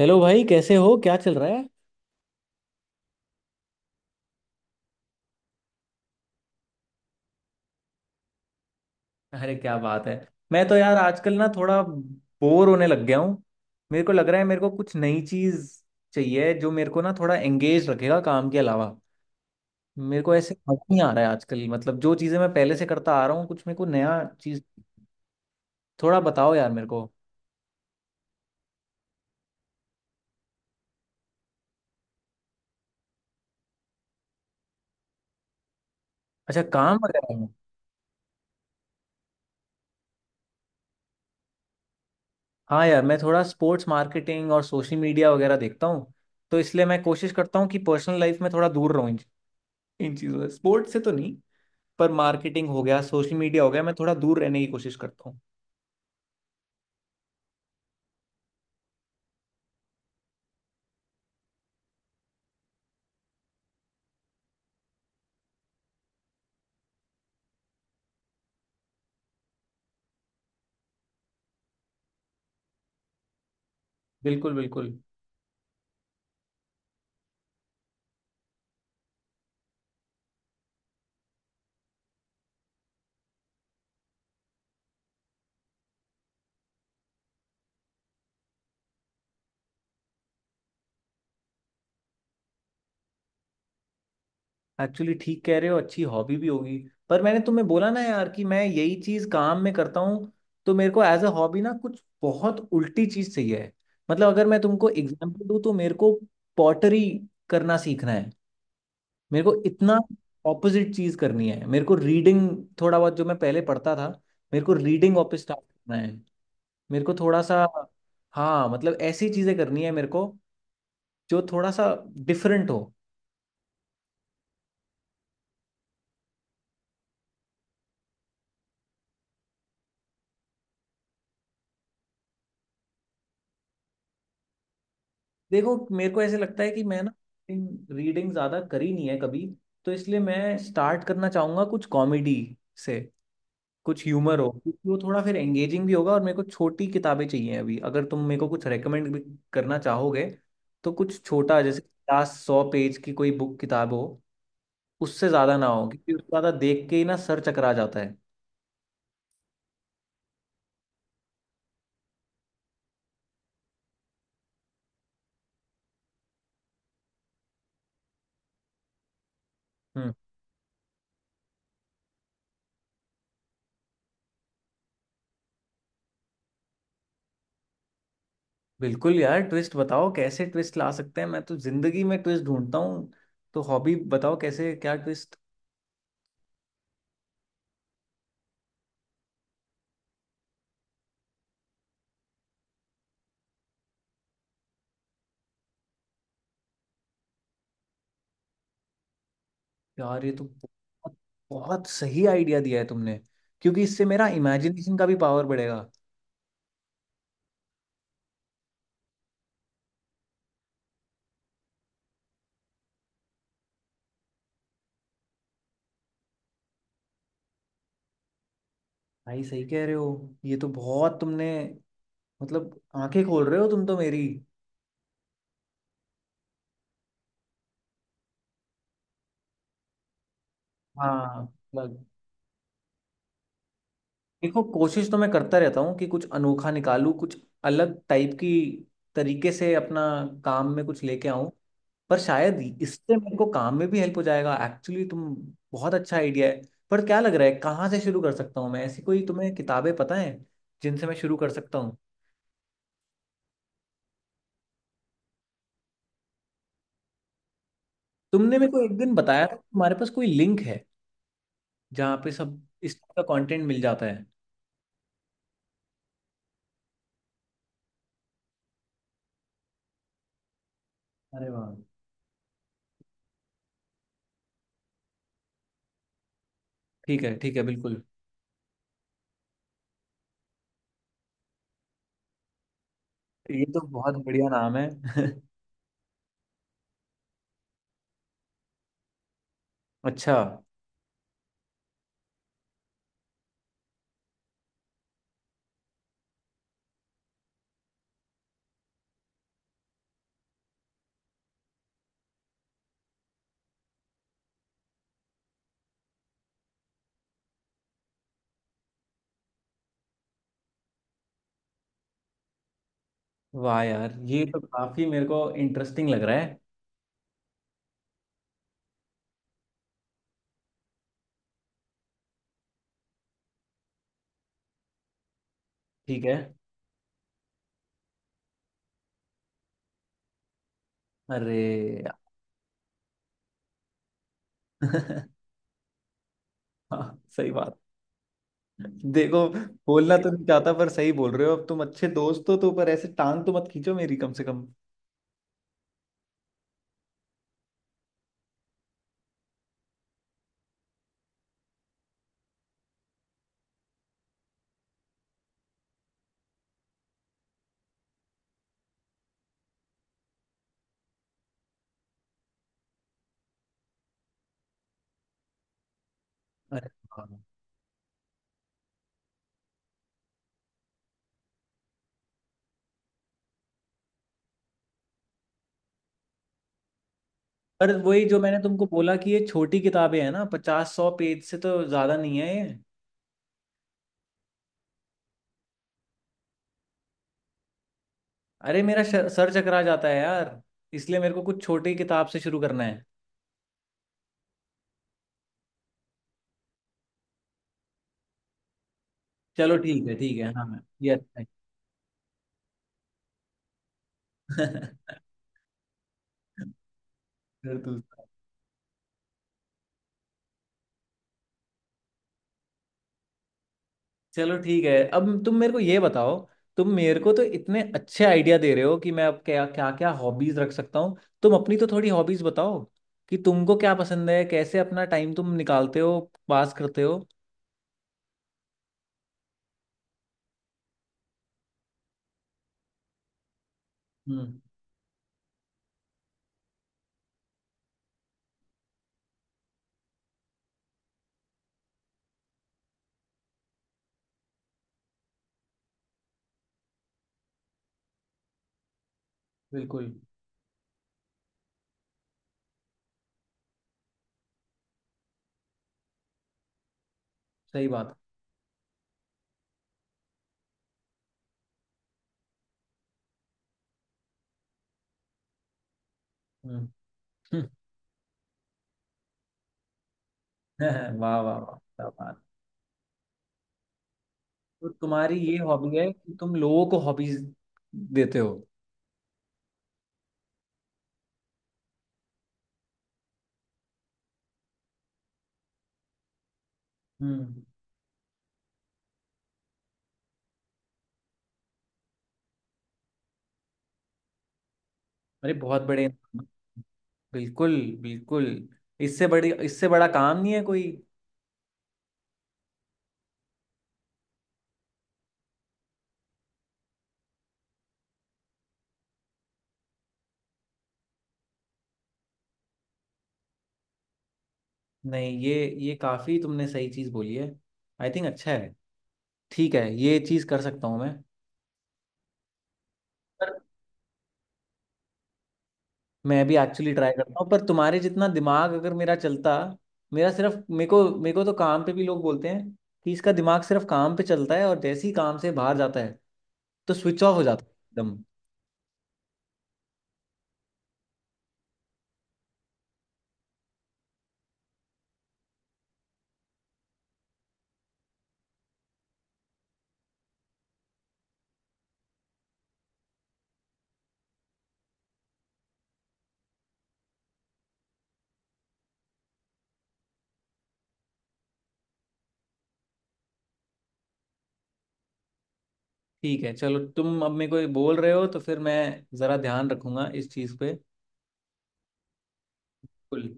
Hello भाई, कैसे हो? क्या चल रहा है? अरे, क्या बात है। मैं तो यार आजकल ना थोड़ा बोर होने लग गया हूँ। मेरे को लग रहा है मेरे को कुछ नई चीज चाहिए जो मेरे को ना थोड़ा एंगेज रखेगा काम के अलावा। मेरे को ऐसे मजा नहीं आ रहा है आजकल। मतलब जो चीजें मैं पहले से करता आ रहा हूँ, कुछ मेरे को नया चीज थोड़ा बताओ यार मेरे को। अच्छा, काम वगैरह में? हाँ यार, मैं थोड़ा स्पोर्ट्स मार्केटिंग और सोशल मीडिया वगैरह देखता हूँ। तो इसलिए मैं कोशिश करता हूँ कि पर्सनल लाइफ में थोड़ा दूर रहूँ इन इन चीज़ों से। स्पोर्ट्स से तो नहीं, पर मार्केटिंग हो गया, सोशल मीडिया हो गया, मैं थोड़ा दूर रहने की कोशिश करता हूँ। बिल्कुल, बिल्कुल। एक्चुअली ठीक कह रहे हो, अच्छी हॉबी भी होगी। पर मैंने तुम्हें बोला ना यार कि मैं यही चीज काम में करता हूँ। तो मेरे को एज अ हॉबी ना कुछ बहुत उल्टी चीज चाहिए है। मतलब अगर मैं तुमको एग्जांपल दूँ तो मेरे को पॉटरी करना सीखना है। मेरे को इतना ऑपोजिट चीज करनी है। मेरे को रीडिंग, थोड़ा बहुत जो मैं पहले पढ़ता था, मेरे को रीडिंग वापस स्टार्ट करना है। मेरे को थोड़ा सा, हाँ, मतलब ऐसी चीजें करनी है मेरे को जो थोड़ा सा डिफरेंट हो। देखो, मेरे को ऐसे लगता है कि मैं ना रीडिंग ज़्यादा करी नहीं है कभी। तो इसलिए मैं स्टार्ट करना चाहूँगा कुछ कॉमेडी से, कुछ ह्यूमर हो, क्योंकि वो थोड़ा फिर एंगेजिंग भी होगा। और मेरे को छोटी किताबें चाहिए अभी। अगर तुम मेरे को कुछ रेकमेंड भी करना चाहोगे, तो कुछ छोटा, जैसे 50-100 पेज की कोई बुक किताब हो। उससे ज़्यादा ना हो, क्योंकि उससे ज़्यादा देख के ही ना सर चकरा जाता है। हम्म। बिल्कुल यार, ट्विस्ट बताओ, कैसे ट्विस्ट ला सकते हैं। मैं तो जिंदगी में ट्विस्ट ढूंढता हूँ। तो हॉबी बताओ, कैसे, क्या ट्विस्ट? यार, ये तो बहुत बहुत सही आइडिया दिया है तुमने। क्योंकि इससे मेरा इमेजिनेशन का भी पावर बढ़ेगा। भाई, सही कह रहे हो। ये तो बहुत तुमने, मतलब, आंखें खोल रहे हो तुम तो मेरी। हाँ, देखो, कोशिश तो मैं करता रहता हूँ कि कुछ अनोखा निकालूं, कुछ अलग टाइप की तरीके से अपना काम में कुछ लेके आऊं। पर शायद इससे मेरे को काम में भी हेल्प हो जाएगा एक्चुअली। तुम, बहुत अच्छा आइडिया है। पर क्या लग रहा है, कहाँ से शुरू कर सकता हूँ मैं? ऐसी कोई तुम्हें किताबें पता है जिनसे मैं शुरू कर सकता हूँ? तुमने मेरे को एक दिन बताया था कि तुम्हारे पास कोई लिंक है जहाँ पे सब इस टाइप का कंटेंट मिल जाता है। अरे वाह। ठीक है, ठीक है, बिल्कुल। ये तो बहुत बढ़िया नाम है। अच्छा। वाह यार, ये तो काफी मेरे को इंटरेस्टिंग लग रहा है। ठीक है। अरे यार। हाँ, सही बात। देखो, बोलना तो नहीं चाहता, पर सही बोल रहे हो। अब तुम अच्छे दोस्त हो, तो पर ऐसे टांग तो मत खींचो मेरी कम से कम। अरे हाँ। पर वही, जो मैंने तुमको बोला कि ये छोटी किताबें हैं ना, 50-100 पेज से तो ज्यादा नहीं है ये। अरे, मेरा सर चकरा जाता है यार। इसलिए मेरे को कुछ छोटी किताब से शुरू करना है। चलो ठीक है, ठीक है, हाँ, ये अच्छा है। फिर दूसरा। चलो ठीक है, अब तुम मेरे को ये बताओ। तुम मेरे को तो इतने अच्छे आइडिया दे रहे हो कि मैं अब क्या क्या क्या हॉबीज रख सकता हूँ। तुम अपनी तो थोड़ी हॉबीज बताओ, कि तुमको क्या पसंद है, कैसे अपना टाइम तुम निकालते हो, पास करते हो। हम्म। बिल्कुल। सही बात। हम्म। वाह वाह वाह, क्या बात। तो तुम्हारी ये हॉबी है कि तुम लोगों को हॉबीज देते हो? हम्म। अरे, बहुत बड़े इंसान। बिल्कुल, बिल्कुल। इससे बड़ी, इससे बड़ा काम नहीं है कोई। नहीं, ये काफी तुमने सही चीज बोली है। आई थिंक अच्छा है। ठीक है, ये चीज कर सकता हूँ मैं। पर मैं भी एक्चुअली ट्राई करता हूँ, पर तुम्हारे जितना दिमाग अगर मेरा चलता। मेरा सिर्फ मेरे को तो काम पे भी लोग बोलते हैं कि इसका दिमाग सिर्फ काम पे चलता है, और जैसे ही काम से बाहर जाता है तो स्विच ऑफ हो जाता है एकदम। ठीक है, चलो, तुम अब मेरे को ये बोल रहे हो तो फिर मैं जरा ध्यान रखूंगा इस चीज पे। बिल्कुल।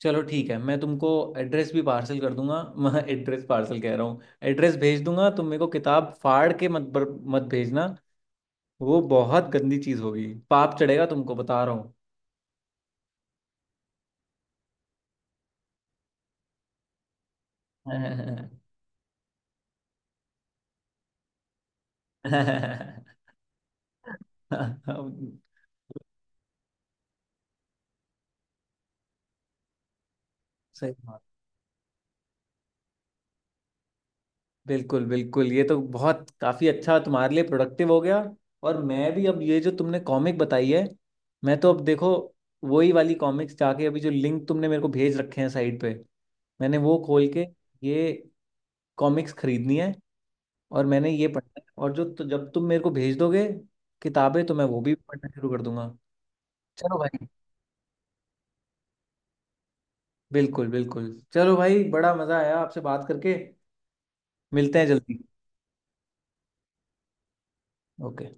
चलो ठीक है, मैं तुमको एड्रेस भी पार्सल कर दूंगा। मैं एड्रेस पार्सल कह रहा हूँ। एड्रेस भेज दूंगा। तुम मेरे को किताब फाड़ के मत भेजना। वो बहुत गंदी चीज़ होगी, पाप चढ़ेगा, तुमको बता रहा हूँ। सही बात। बिल्कुल, बिल्कुल। ये तो बहुत काफ़ी अच्छा तुम्हारे लिए प्रोडक्टिव हो गया। और मैं भी अब ये जो तुमने कॉमिक बताई है, मैं तो अब देखो, वही वाली कॉमिक्स जाके, अभी जो लिंक तुमने मेरे को भेज रखे हैं साइट पे, मैंने वो खोल के ये कॉमिक्स खरीदनी है। और मैंने ये पढ़ना है। और जो, तो जब तुम मेरे को भेज दोगे किताबें, तो मैं वो भी पढ़ना शुरू कर दूंगा। चलो भाई, बिल्कुल, बिल्कुल। चलो भाई, बड़ा मज़ा आया आपसे बात करके। मिलते हैं जल्दी। ओके।